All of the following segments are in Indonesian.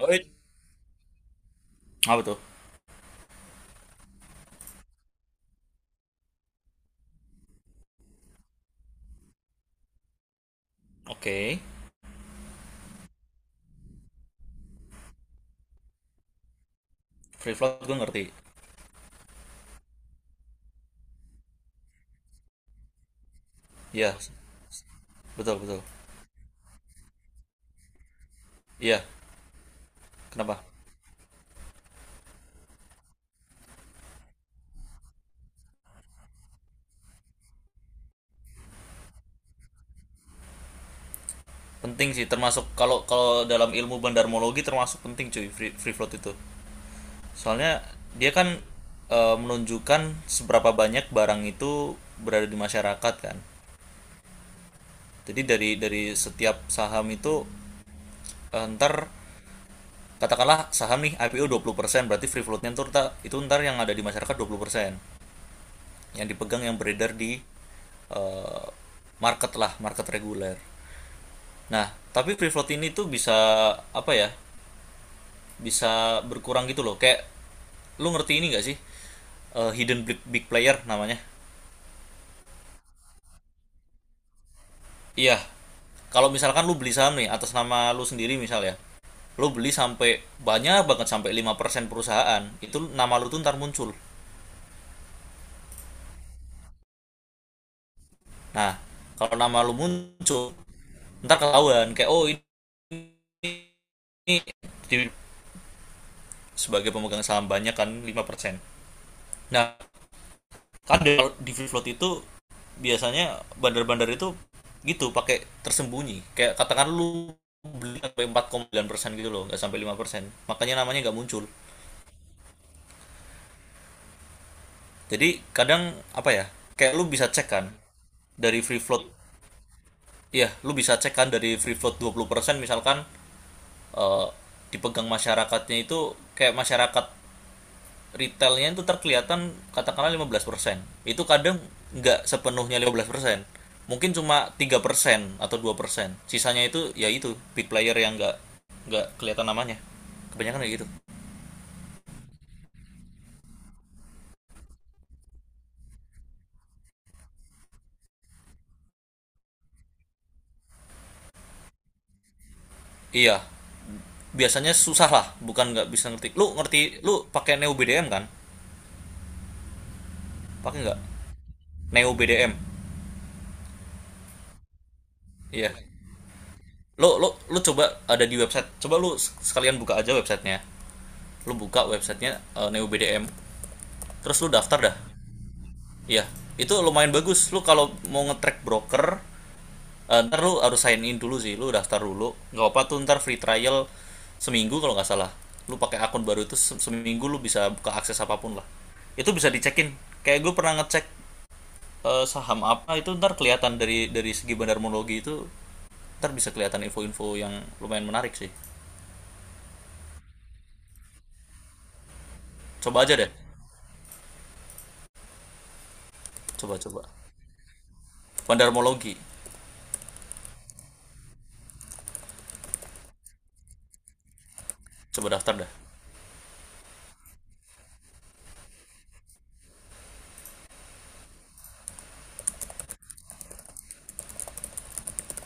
Oh, apa tuh? Oke. Okay. Free float gue ngerti. Iya, betul betul. Iya, kenapa? Penting sih, termasuk kalau kalau dalam ilmu bandarmologi termasuk penting, cuy. Free float itu. Soalnya dia kan, menunjukkan seberapa banyak barang itu berada di masyarakat kan. Jadi dari setiap saham itu, ntar katakanlah saham nih IPO 20%, berarti free floatnya ntar itu ntar yang ada di masyarakat 20%. Yang dipegang, yang beredar di, eh, market lah, market reguler. Nah, tapi free float ini tuh bisa, apa ya, bisa berkurang gitu loh. Kayak, lu ngerti ini gak sih? Hidden big player namanya. Iya, kalau misalkan lu beli saham nih atas nama lu sendiri misal ya, lu beli sampai banyak banget sampai 5% perusahaan itu, nama lu tuh ntar muncul. Nah, kalau nama lu muncul, ntar ketahuan kayak, oh, ini sebagai pemegang saham banyak kan, 5%. Nah, kan free float itu biasanya bandar-bandar itu gitu pakai tersembunyi, kayak katakan lu beli sampai 4,9% gitu loh, nggak sampai 5%, makanya namanya nggak muncul. Jadi kadang, apa ya, kayak lu bisa cek kan dari free float, iya lu bisa cek kan dari free float 20% misalkan, eh, dipegang masyarakatnya itu. Kayak masyarakat retailnya itu terkelihatan katakanlah 15%. Itu kadang nggak sepenuhnya 15%. Mungkin cuma 3% atau 2%. Sisanya itu ya itu big player yang nggak kelihatan namanya. Kebanyakan kayak gitu. Iya. Biasanya susah lah, bukan nggak bisa ngerti. Lu ngerti, lu pakai Neo BDM kan? Pakai nggak? Neo BDM. Iya. Lu lu lu coba, ada di website. Coba lu sekalian buka aja websitenya. Lu buka websitenya, Neo BDM. Terus lu daftar dah. Iya, itu lumayan bagus. Lu kalau mau nge-track broker, ntar lu harus sign in dulu sih. Lu daftar dulu. Nggak, apa tuh, ntar free trial seminggu kalau nggak salah. Lu pakai akun baru itu, seminggu lu bisa buka akses apapun lah. Itu bisa dicekin. Kayak gue pernah ngecek, saham apa itu, ntar kelihatan dari segi bandarmologi itu ntar bisa kelihatan info-info yang lumayan menarik sih. Coba aja deh. Coba coba. Bandarmologi. Coba daftar dah.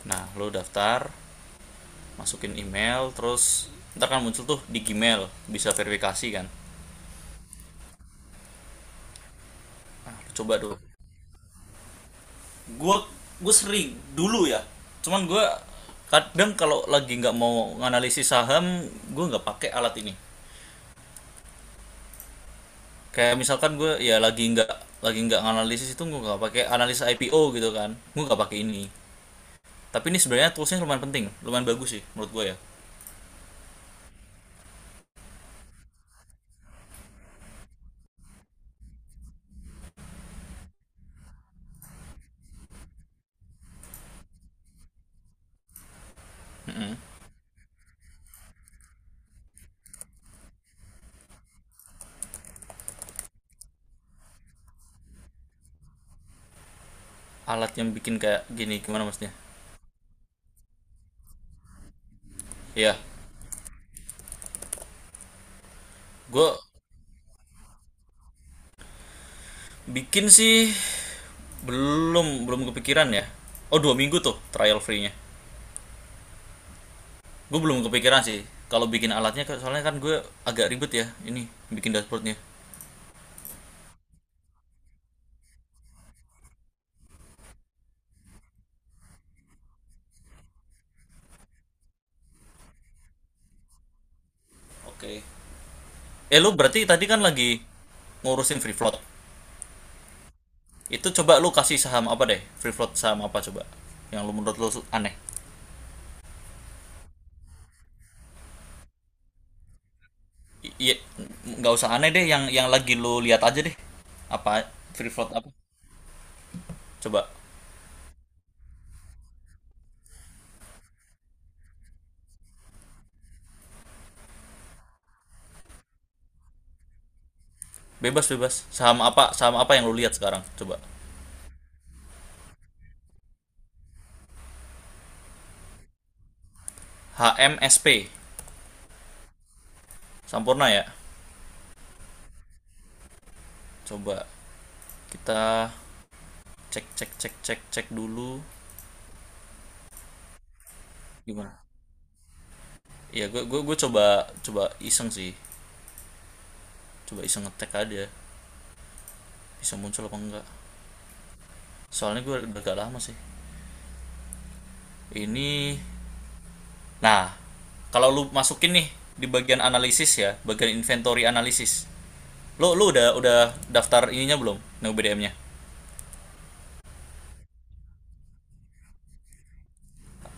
Nah, lu daftar, masukin email, terus ntar kan muncul tuh di Gmail, bisa verifikasi kan. Nah, coba dulu. Gue gue sering dulu ya, cuman gue kadang kalau lagi nggak mau nganalisis saham gue nggak pakai alat ini. Kayak misalkan gue ya lagi nggak nganalisis itu, gue nggak pakai analisa IPO gitu kan, gue nggak pakai ini. Tapi ini sebenarnya toolsnya lumayan penting, lumayan bagus sih, menurut gue ya. Alat yang bikin kayak gini gimana maksudnya? Ya gue bikin sih, belum belum kepikiran ya. Oh, 2 minggu tuh trial free-nya. Gue belum kepikiran sih kalau bikin alatnya, soalnya kan gue agak ribet ya ini bikin dashboardnya. Oke. Okay. Lu berarti tadi kan lagi ngurusin free float itu, coba lu kasih saham apa deh, free float saham apa coba, yang lu, menurut lu, aneh. Iya, nggak usah aneh deh, yang lagi lu lihat aja deh, apa free float apa coba. Bebas bebas, saham apa, saham apa yang lu lihat sekarang, coba. H M S P. Sampurna ya. Coba kita cek cek cek cek cek dulu gimana. Ya gue coba coba iseng sih. Coba iseng ngetek aja bisa muncul apa enggak. Soalnya gue udah agak lama sih ini. Nah, kalau lu masukin nih di bagian analisis ya, bagian inventory analisis, lu lu udah daftar ininya belum, BDM-nya?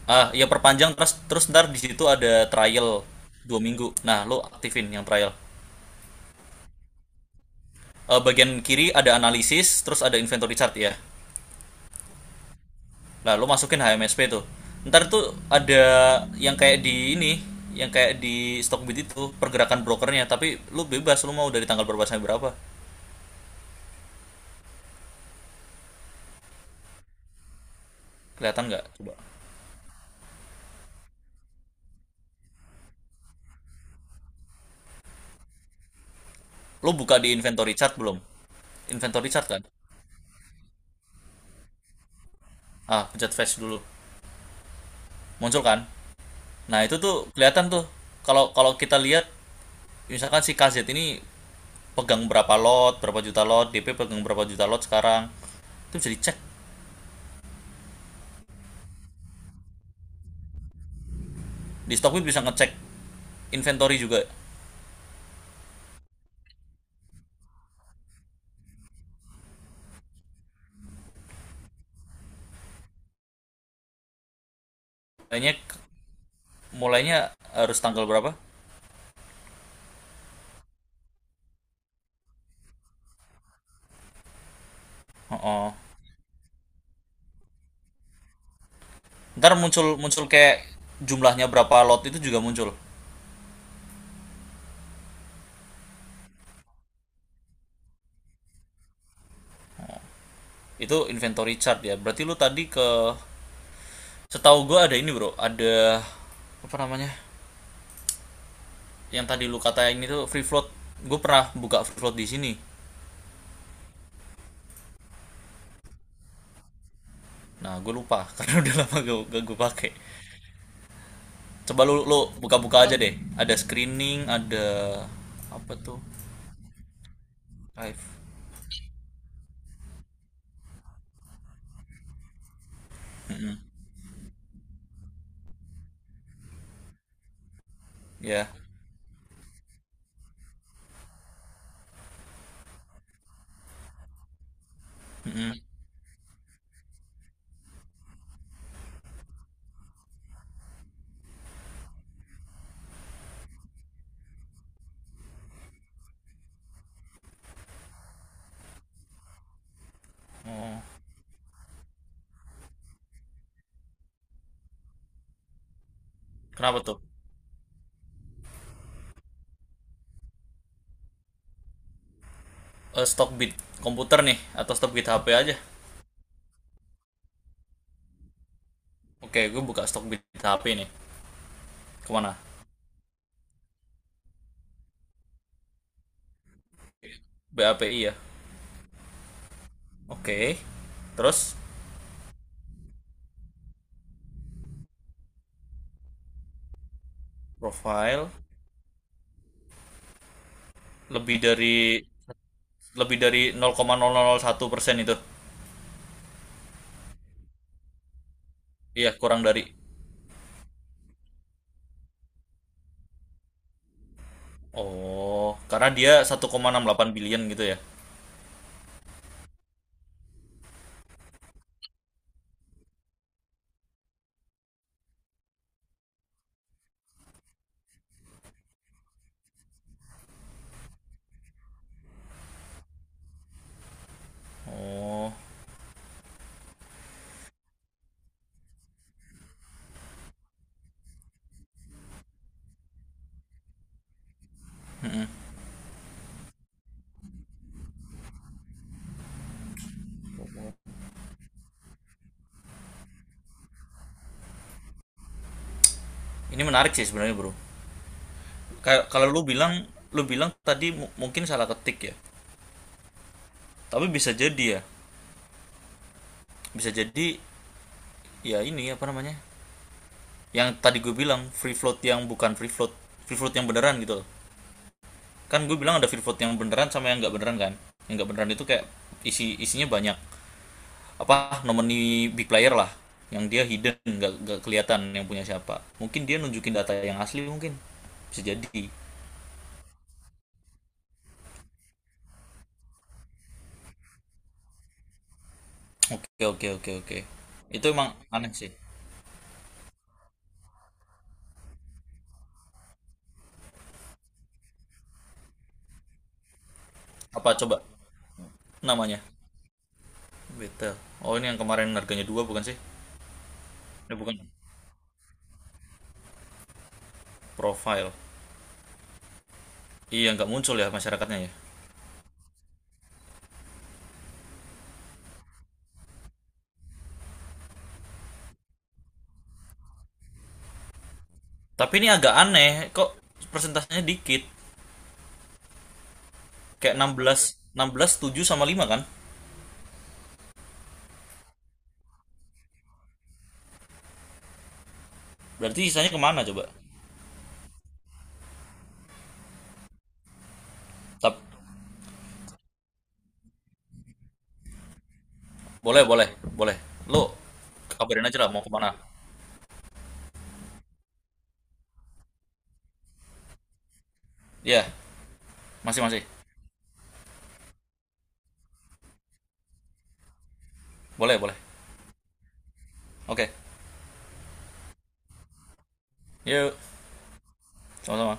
Ah ya, perpanjang. Terus terus ntar di situ ada trial 2 minggu, nah lu aktifin yang trial. Bagian kiri ada analisis terus ada inventory chart ya. Nah, lu masukin HMSP tuh. Ntar tuh ada yang kayak di ini, yang kayak di Stockbit, itu pergerakan brokernya, tapi lu bebas, lu mau dari tanggal berapa sampai berapa. Kelihatan nggak? Coba. Lu buka di inventory chart belum? Inventory chart kan? Ah, pencet flash dulu. Muncul kan? Nah, itu tuh kelihatan tuh. Kalau kalau kita lihat misalkan si KZ ini pegang berapa lot, berapa juta lot, DP pegang berapa juta lot sekarang. Itu bisa dicek. Di Stockbit bisa ngecek inventory juga. Kayaknya mulainya harus tanggal berapa? Oh, oh. Ntar muncul muncul kayak jumlahnya berapa lot itu juga muncul. Itu inventory chart ya. Berarti lu tadi ke, setahu gue ada ini bro, ada apa namanya? Yang tadi lu katain itu free float. Gue pernah buka free float di sini. Nah, gue lupa karena udah lama gak, gue pakai. Coba lu lu buka-buka aja deh. Ada screening, ada apa tuh? Live. Ya. Yeah. Oh. Kenapa tuh? Stock komputer nih atau stockbit bid HP aja? Oke, gue buka stok BTHP nih. Kemana? BAPI ya. Oke. Terus, profile, lebih dari lebih dari 0,001% itu. Iya, kurang dari. Oh, karena dia 1,68 billion gitu ya. Oh, ini menarik sih sebenarnya, Bro. Kayak kalau lu bilang tadi mungkin salah ketik ya. Tapi bisa jadi ya. Bisa jadi ya ini, apa namanya? Yang tadi gue bilang, free float yang bukan free float, free float yang beneran gitu loh. Kan gue bilang ada Freeport yang beneran sama yang nggak beneran kan. Yang nggak beneran itu kayak isinya banyak apa, nomini, big player lah, yang dia hidden, nggak kelihatan yang punya siapa. Mungkin dia nunjukin data yang asli, mungkin. Bisa jadi. Oke, oke, oke, oke. Itu emang aneh sih. Apa coba namanya? Betel. Oh, ini yang kemarin harganya dua bukan sih? Ini bukan. Profile. Iya nggak muncul ya masyarakatnya ya. Tapi ini agak aneh kok persentasenya dikit. Kayak 16, 16,7 sama 5 kan. Berarti sisanya kemana coba? Tap. Boleh, boleh, boleh. Lo kabarin aja lah mau kemana. Iya, masih masih. Boleh, boleh. Oke. Yuk, sama-sama.